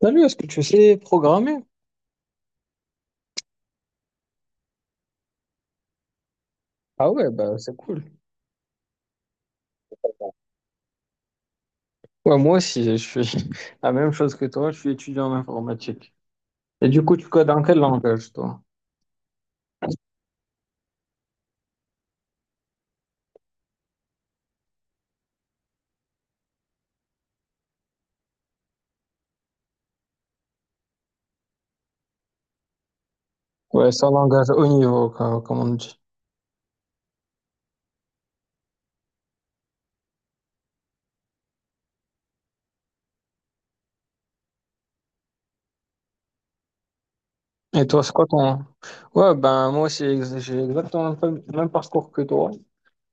Salut, est-ce que tu sais programmer? Ah ouais, bah c'est cool. Ouais, moi aussi, je suis la même chose que toi, je suis étudiant en informatique. Et du coup, tu codes en quel langage, toi? Ouais, c'est un langage haut niveau, comme on dit. Et toi, c'est quoi ton... Ouais, ben moi aussi, j'ai exactement le même parcours que toi.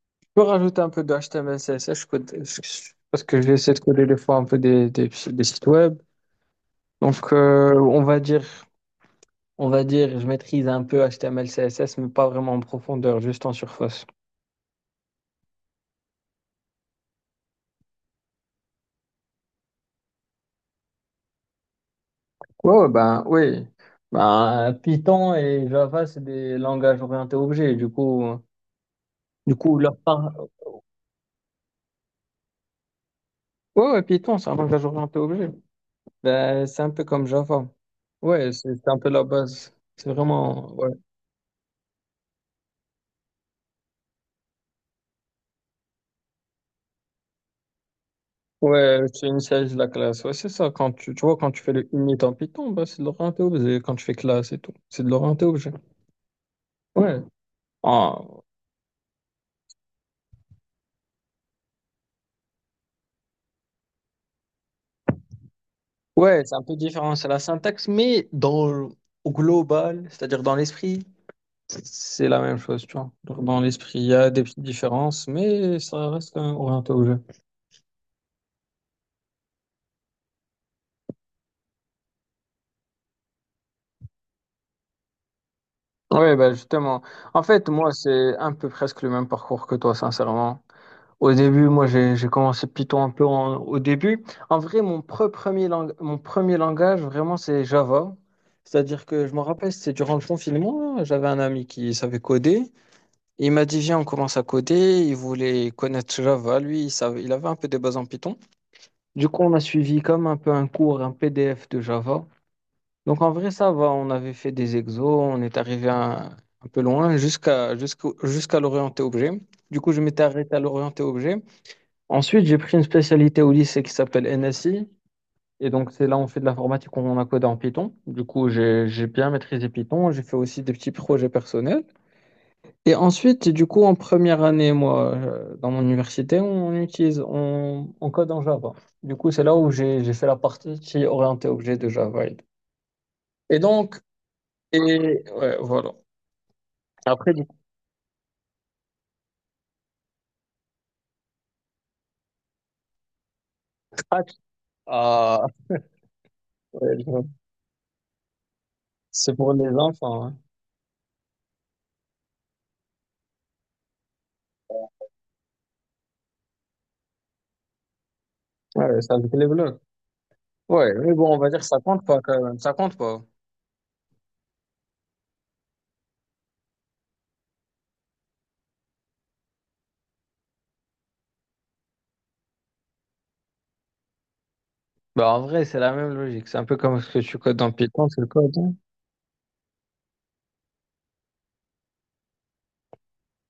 Je peux rajouter un peu de HTML, CSS, je code... parce que j'essaie de coder des fois un peu des sites web. Donc, on va dire, je maîtrise un peu HTML, CSS, mais pas vraiment en profondeur, juste en surface. Ouais, ouais, ben oui. Ben, Python et Java, c'est des langages orientés objets. Du coup, du coup leur par... ouais, ouais, Python, c'est un langage orienté objet. Ben, c'est un peu comme Java. Ouais, c'est un peu la base. C'est vraiment. Ouais, ouais tu initialises la classe. Ouais, c'est ça. Quand tu vois, quand tu fais le init en Python, ben, c'est de l'orienté objet. Quand tu fais classe et tout, c'est de l'orienté objet. Ouais. Ah, ouais, c'est un peu différent. C'est la syntaxe, mais dans, au global, c'est-à-dire dans l'esprit. C'est la même chose, tu vois. Donc, dans l'esprit, il y a des petites différences, mais ça reste quand même orienté au jeu. Oui, bah justement. En fait, moi, c'est un peu presque le même parcours que toi, sincèrement. Au début, moi, j'ai commencé Python un peu au début. En vrai, mon premier langage, vraiment, c'est Java. C'est-à-dire que je me rappelle, c'était durant le confinement, j'avais un ami qui savait coder. Il m'a dit, viens, on commence à coder. Il voulait connaître Java. Lui, il savait, il avait un peu des bases en Python. Du coup, on a suivi comme un peu un cours, un PDF de Java. Donc, en vrai, ça va. On avait fait des exos, on est arrivé un peu loin jusqu'à l'orienté objet. Du coup, je m'étais arrêté à l'orienté objet. Ensuite, j'ai pris une spécialité au lycée qui s'appelle NSI. Et donc, c'est là où on fait de l'informatique, on a codé en Python. Du coup, j'ai bien maîtrisé Python. J'ai fait aussi des petits projets personnels. Et ensuite, du coup, en première année, moi, dans mon université, on code en Java. Du coup, c'est là où j'ai fait la partie orientée objet de Java. Et donc, et ouais, voilà. Après, du coup, Scratch, ah, ouais, je- c'est pour les enfants, hein. Ouais, c'est avec les blocs. Ouais, mais bon, on va dire que ça compte pas quand même. Ça compte pas. Bah, en vrai, c'est la même logique. C'est un peu comme ce que tu codes dans Python, c'est le code.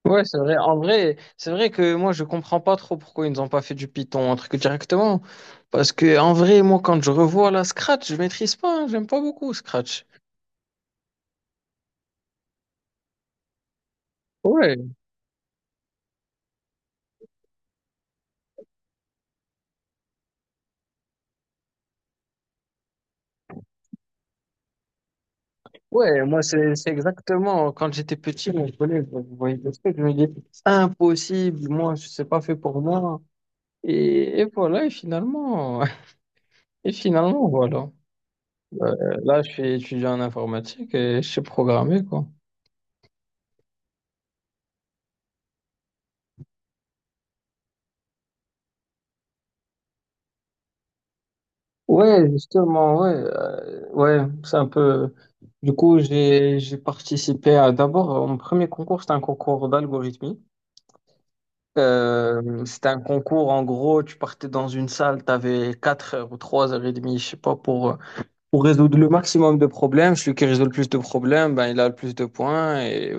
Ouais, c'est vrai. En vrai, c'est vrai que moi, je comprends pas trop pourquoi ils nous ont pas fait du Python, un truc directement. Parce que, en vrai, moi, quand je revois la Scratch, je maîtrise pas, hein, j'aime pas beaucoup Scratch. Ouais, ouais, moi, c'est exactement quand j'étais petit, mon collègue, je voyais des trucs, je me dis, impossible, moi, c'est pas fait pour moi. Et voilà, et finalement, et finalement, voilà. Euh, là, je suis étudiant en informatique et je sais programmer, quoi. Ouais, justement, ouais, ouais, c'est un peu. Du coup, j'ai participé à d'abord mon premier concours, c'était un concours d'algorithmie. C'était un concours, en gros, tu partais dans une salle, tu avais 4 heures ou 3 heures et demie, je sais pas, pour résoudre le maximum de problèmes. Celui qui résout le plus de problèmes, ben, il a le plus de points et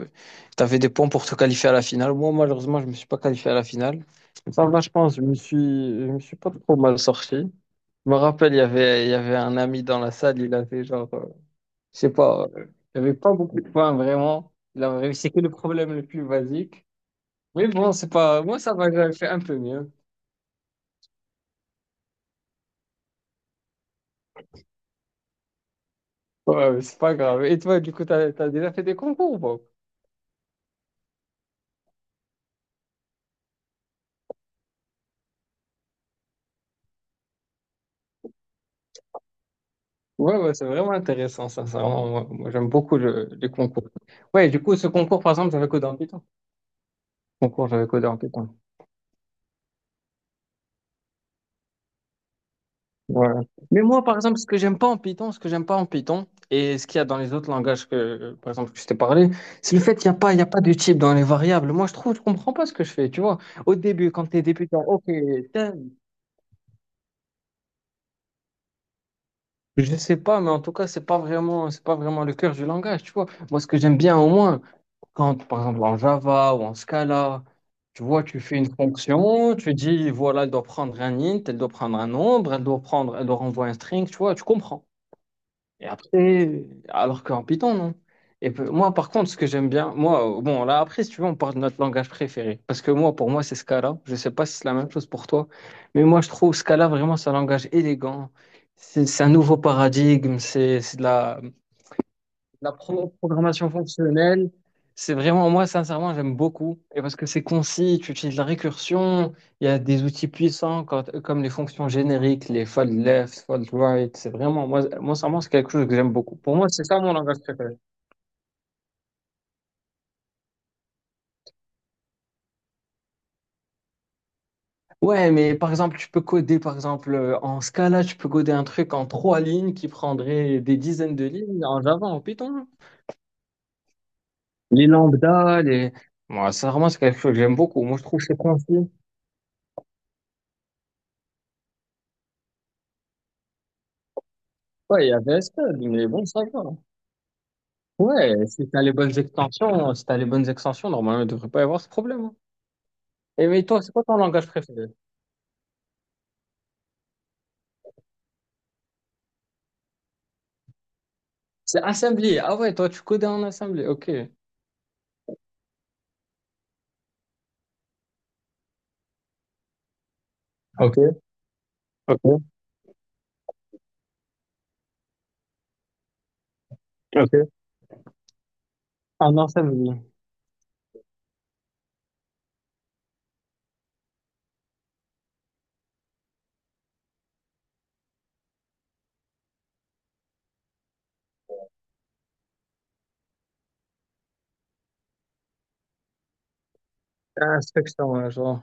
tu avais des points pour te qualifier à la finale. Moi, malheureusement, je me suis pas qualifié à la finale. Mais ça va, je pense, je me suis pas trop mal sorti. Je me rappelle, il y avait un ami dans la salle, il avait genre, je sais pas, il avait pas beaucoup de points vraiment. Il avait réussi que le problème le plus basique. Mais bon, c'est pas, moi ça va, j'avais fait un peu mieux. Ouais, mais c'est pas grave. Et toi, du coup, t'as déjà fait des concours ou pas? Ouais, ouais, c'est vraiment intéressant, sincèrement. Moi, moi, j'aime beaucoup les concours. Ouais, du coup, ce concours, par exemple, j'avais codé en Python. Concours, j'avais codé en Python. Ouais. Mais moi, par exemple, ce que j'aime pas en Python, et ce qu'il y a dans les autres langages que, par exemple, que je t'ai parlé, c'est le fait qu'il n'y a pas, il y a pas de type dans les variables. Moi, je trouve, je comprends pas ce que je fais, tu vois. Au début, quand t'es débutant, ok, tain, je sais pas, mais en tout cas, c'est pas vraiment le cœur du langage, tu vois. Moi, ce que j'aime bien au moins, quand, par exemple, en Java ou en Scala, tu vois, tu fais une fonction, tu dis, voilà, elle doit prendre un int, elle doit prendre un nombre, elle doit prendre, elle doit renvoyer un string, tu vois, tu comprends. Et après, alors qu'en Python, non. Et moi, par contre, ce que j'aime bien, moi, bon, là, après, si tu veux, on parle de notre langage préféré. Parce que moi, pour moi, c'est Scala. Je sais pas si c'est la même chose pour toi. Mais moi, je trouve Scala vraiment, c'est un langage élégant. C'est un nouveau paradigme. C'est de la, programmation fonctionnelle, c'est vraiment, moi, sincèrement, j'aime beaucoup. Et parce que c'est concis, tu utilises la récursion, il y a des outils puissants comme les fonctions génériques, les fold left, fold right. C'est vraiment, moi, moi, sincèrement, c'est quelque chose que j'aime beaucoup. Pour moi, c'est ça mon langage préféré. Ouais, mais par exemple, tu peux coder, par exemple, en Scala, tu peux coder un truc en trois lignes qui prendrait des dizaines de lignes en Java, en Python. Les lambda, les. Moi, sincèrement, c'est quelque chose que j'aime beaucoup. Moi, je trouve que c'est concis. Ouais, il y avait SQL, mais bon, ça va. Ouais, si t'as les bonnes extensions, si t'as les bonnes extensions, normalement, il devrait pas y avoir ce problème, hein. Et mais toi, c'est quoi ton langage préféré? C'est Assembly. Ah ouais, toi, tu codais en Assembly. Ok. Ok, ok, ok. En Assembly. Inspection, ouais, genre.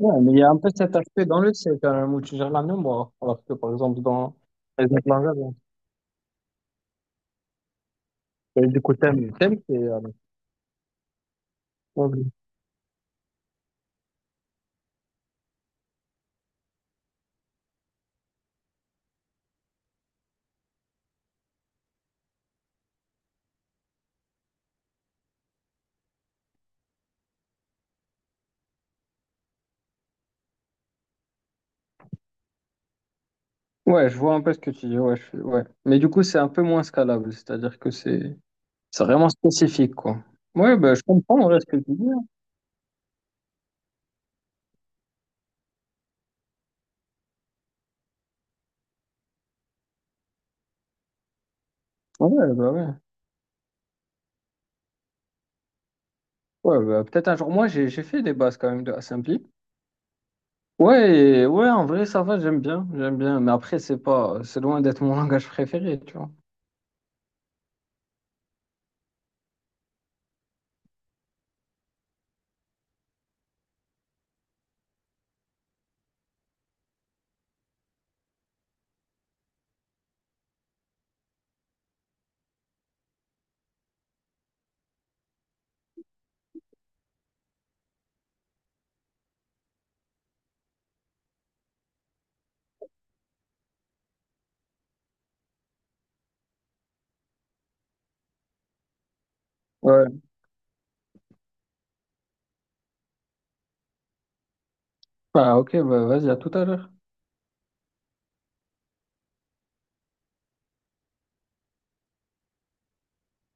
Ouais, mais il y a un peu cet aspect dans le C, quand même, où tu gères la mémoire. Alors que, par exemple, dans les autres langages, hein, et du coup, thème, thème, c'est... Assembly. Ouais, je vois un peu ce que tu dis. Ouais, ouais. Mais du coup, c'est un peu moins scalable. C'est-à-dire que c'est vraiment spécifique, quoi. Ouais, bah, je comprends en vrai, ce que tu dis, hein. Ouais, bah ouais. Ouais, bah, peut-être un jour. Moi, j'ai fait des bases quand même de Assembly. Ouais, ouais, en vrai, ça va, j'aime bien, j'aime bien. Mais après, c'est pas, c'est loin d'être mon langage préféré, tu vois. Ouais. Bah, ok, bah, vas-y, à tout à l'heure.